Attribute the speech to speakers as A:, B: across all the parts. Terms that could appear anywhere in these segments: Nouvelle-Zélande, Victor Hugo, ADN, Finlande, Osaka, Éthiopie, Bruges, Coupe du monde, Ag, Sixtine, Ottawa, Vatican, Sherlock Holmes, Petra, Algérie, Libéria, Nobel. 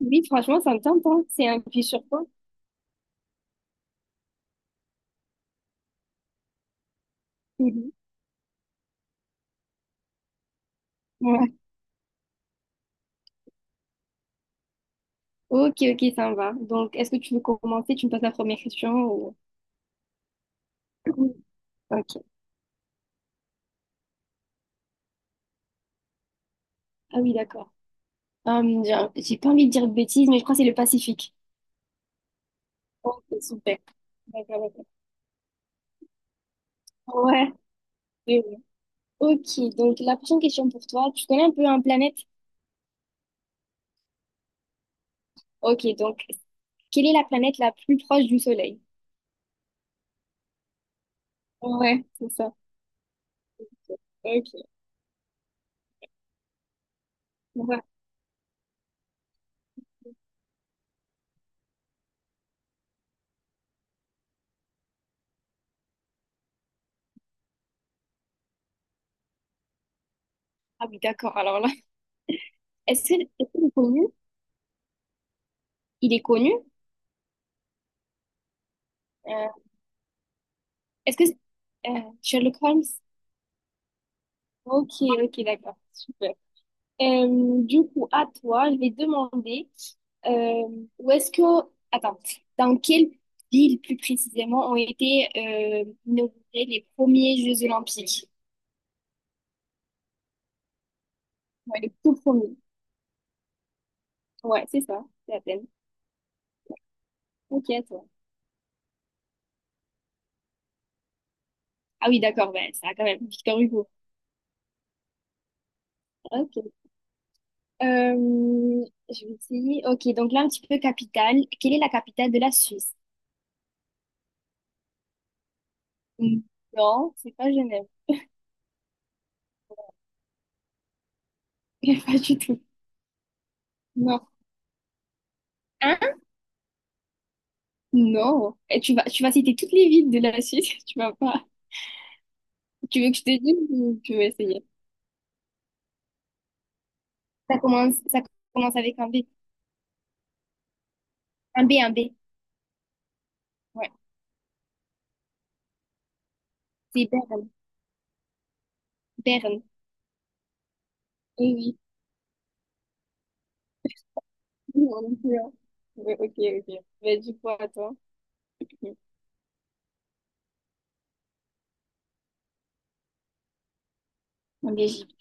A: Oui, franchement, ça me tente, hein. C'est un puits sur quoi? Mhm. Ouais. Ok, ok, ça me va. Donc, est-ce que tu veux commencer? Tu me poses la première question ou. Mhm. Ok. Ah oui, d'accord. J'ai pas envie de dire de bêtises, mais je crois que c'est le Pacifique. Ok, super. D'accord, d'accord. Ouais. Oui, oui. Ok, donc la prochaine question pour toi. Tu connais un peu un planète? Ok, donc, quelle est la planète la plus proche du Soleil? Ouais, c'est ça. Ok. Ouais. Ah oui, d'accord. Alors là, est-ce que le connu, il est connu? Euh, Est-ce que c'est- Sherlock Holmes? Ok, ok, d'accord, super. Du coup, à toi, je vais demander où est-ce que. Attends, dans quelle ville plus précisément ont été inaugurés les premiers Jeux Olympiques? Ouais, les tout premiers. Ouais, c'est ça, c'est Athènes. Ok, à toi. Ah oui, d'accord, ben, ça a quand même, Victor Hugo. Ok. Je vais essayer. Ok, donc là, un petit peu capitale. Quelle est la capitale de la Suisse? Hmm. Non, c'est pas Genève. Pas du tout. Non. Hein? Non. Et tu vas citer toutes les villes de la Suisse. Tu vas pas. Tu veux que je te dise ou tu veux essayer? Ça commence avec un B. Un B, un B. Ouais. C'est Berne. Berne. Eh oui. Oui, on est sûr. Ouais, ok, ok. Mais du coup, attends. Ok. En Belgique.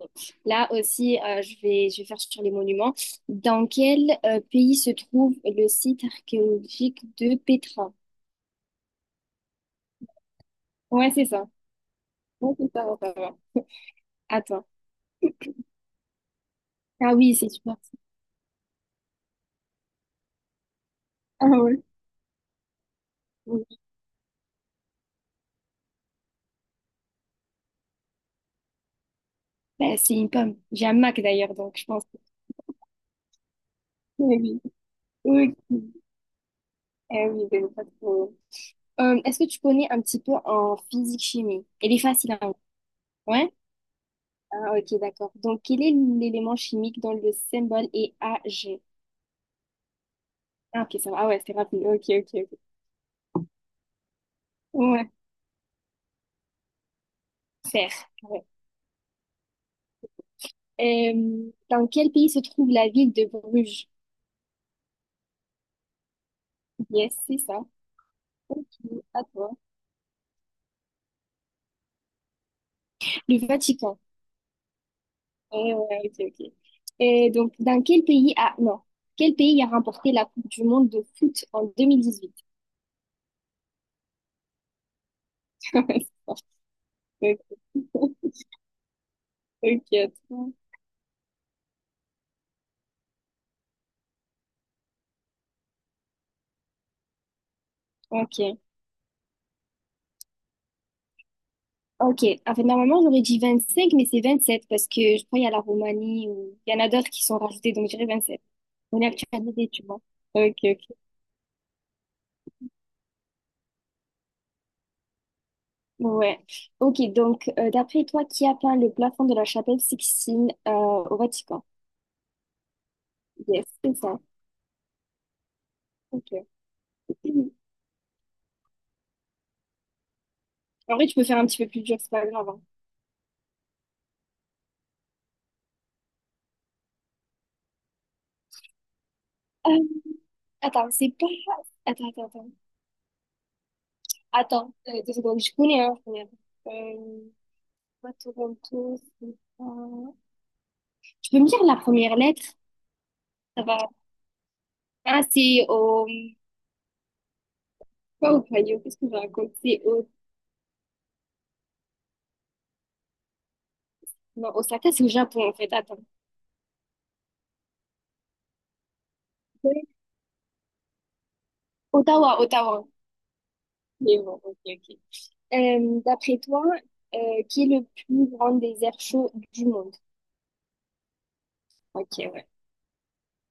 A: Ok. Là aussi, je vais faire sur les monuments. Dans quel pays se trouve le site archéologique de Petra? Ouais, c'est ça. Ouais, c'est ça, ça va. Attends. Ah oui, c'est super. Ah ouais. Bah, c'est une pomme. J'ai un Mac d'ailleurs, donc je pense. Oui, oui. Ok. Eh oui, ben, pas trop. Est-ce que tu connais un petit peu en physique-chimie? Elle est facile, hein. Ouais? Ah, ok, d'accord. Donc, quel est l'élément chimique dont le symbole est Ag? Ah, ok, ça va. Ah ouais, c'est rapide. Ok, ok, ok. Ouais, fer. Ouais. Dans quel pays se trouve la ville de Bruges? Yes, c'est ça. Ok, à toi. Le Vatican. Ouais, ouais, ok, ok. Et donc, dans quel pays a. Non. Quel pays a remporté la Coupe du monde de foot en 2018. Ok, attends. Ok. Ok. En fait, normalement, j'aurais dit 25 mais c'est 27 parce que je crois qu'il y a la Roumanie ou il y en a d'autres qui sont rajoutés, donc je dirais sept. On est actualisé, tu vois. Ok, ok. Ouais. Ok, donc, d'après toi, qui a peint le plafond de la chapelle Sixtine au Vatican? Yes, c'est ça. Ok. En vrai, tu peux faire un petit peu plus dur, c'est pas grave, hein. Euh, attends, c'est pas. Attends, attends, attends. Attends, 2 secondes, je connais un. Je connais un. Pas Toronto, c'est pas. Tu peux me dire la première lettre? Ça va. Ah, c'est au. Pas au Ohio, qu'est-ce que je raconte? C'est au. Non, Osaka, c'est au Japon, en fait. Attends. Ouais. Ottawa, Ottawa. Mais bon, ok, ok. D'après toi, qui est le plus grand désert chaud du monde? Ok, ouais.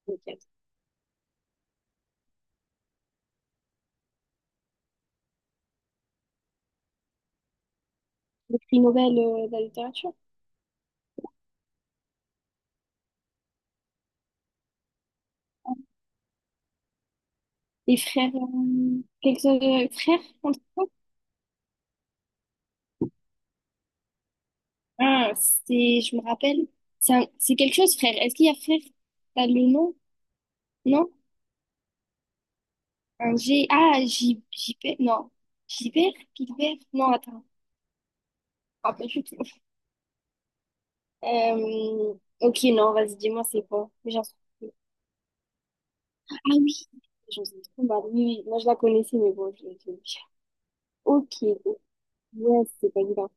A: Ok. Le prix Nobel de la littérature? Les frères, quelque chose, frère, on dit ça. Ah, c'est, je me rappelle, c'est quelque chose, frère. Est-ce qu'il y a frère? T'as le nom? Non? Un G, ah, J, J, non. Gilbert, Gilbert, non, attends, je me rappelle plus trop. Euh, ok, non, vas-y, dis-moi, c'est bon. Mais j'en sais plus. Ah oui, j'en sais trop mal. Oui, oui, moi je la connaissais, mais bon, je l'ai je. Ok, yes, c'est pas grave.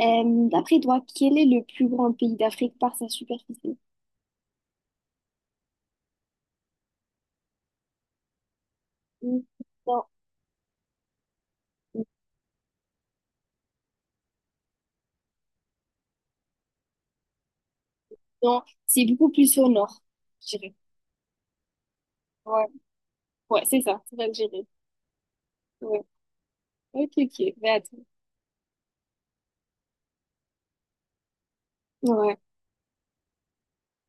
A: D'après toi, quel est le plus grand pays d'Afrique par sa superficie? Hmm, Non. Non, c'est beaucoup plus au nord, je dirais. Ouais, ouais, c'est ça, c'est l'Algérie. Ouais. Ok, ok, mais attends. Ouais,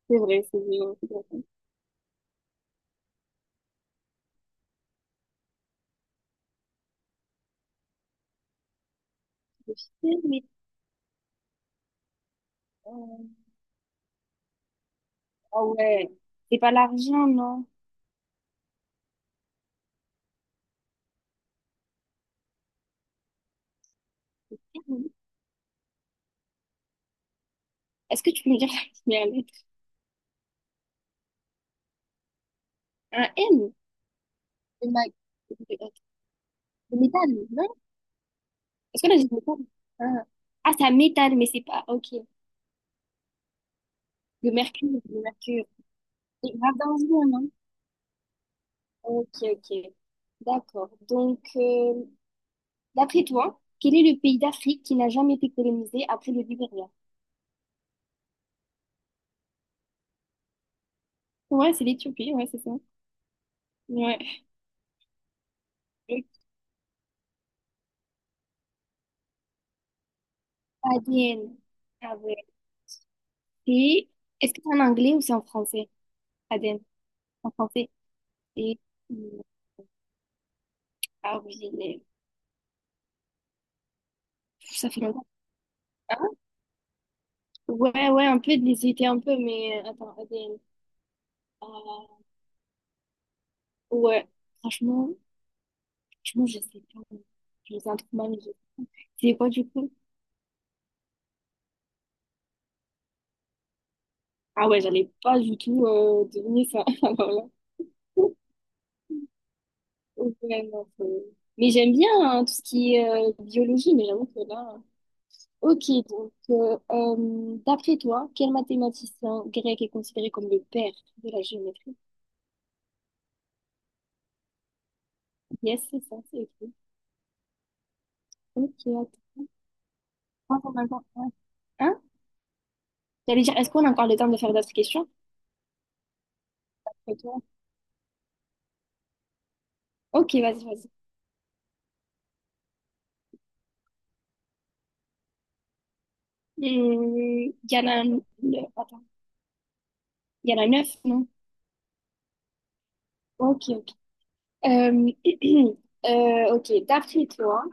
A: c'est vrai, c'est vrai. Ouais, c'est vrai. Je sais. Mais, euh, ah ouais, c'est pas l'argent, non. Est-ce que tu peux me dire la première lettre? Un M? Le mag- le métal, non? Est-ce qu'on a dit métal? Ah, Ah, c'est un métal, mais c'est pas, ok. Le mercure, le mercure. C'est grave dangereux, non? Ok, ok. D'accord. Donc, d'après toi, quel est le pays d'Afrique qui n'a jamais été colonisé après le Libéria? Ouais, c'est l'Éthiopie, ouais, c'est ça. Ouais. Le ADN. Ah ouais. Et est-ce que c'est en anglais ou c'est en français? ADN. En français. Et euh, ah oui, ça fait longtemps. Hein. Ouais, ouais, un peu, j'hésitais un peu, mais attends, ADN. Euh, ouais, Franchement, franchement, je sais pas. Je faisais un truc mal. C'est quoi du coup? Ah ouais, j'allais pas du tout deviner ça. Alors là. Ouais, non, mais j'aime bien, hein, tout ce qui est biologie, mais j'avoue que là. Ok, donc, d'après toi, quel mathématicien grec est considéré comme le père de la géométrie? Yes, c'est ça, c'est écrit. Ok, attends, ouais. Hein? J'allais dire, est-ce qu'on a encore le temps de faire d'autres questions? Après toi. Ok, vas-y, vas-y. Il y en a, attends, il y en a neuf, non? Ok, ok. Euh, ok, d'après toi,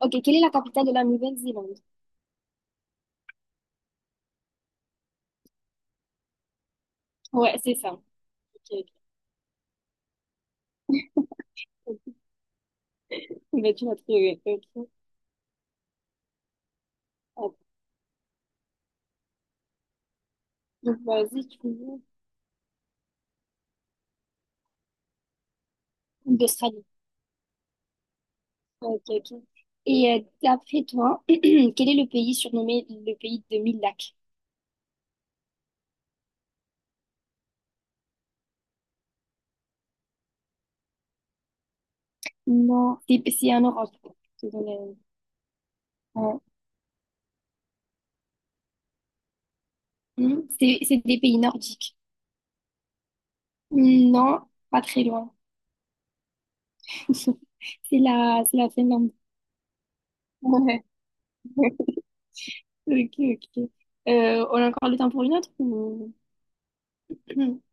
A: ok, quelle est la capitale de la Nouvelle-Zélande? Ouais, c'est ça. Ok. Ok. Mais tu l'as trouvé. Ok. Ah, donc, vas-y, tu veux. D'Australie. Ok, ok. Et d'après toi, quel est le pays surnommé le pays de mille lacs? Non, c'est en Europe. Je te donne ouais. C'est des pays nordiques. Non, pas très loin. C'est la Finlande. Ouais. Ok, ok. On a encore le temps pour une autre?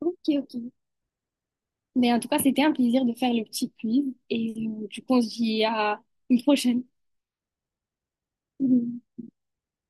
A: Ok, ok. Mais en tout cas, c'était un plaisir de faire le petit quiz et du coup, on se dit à une prochaine.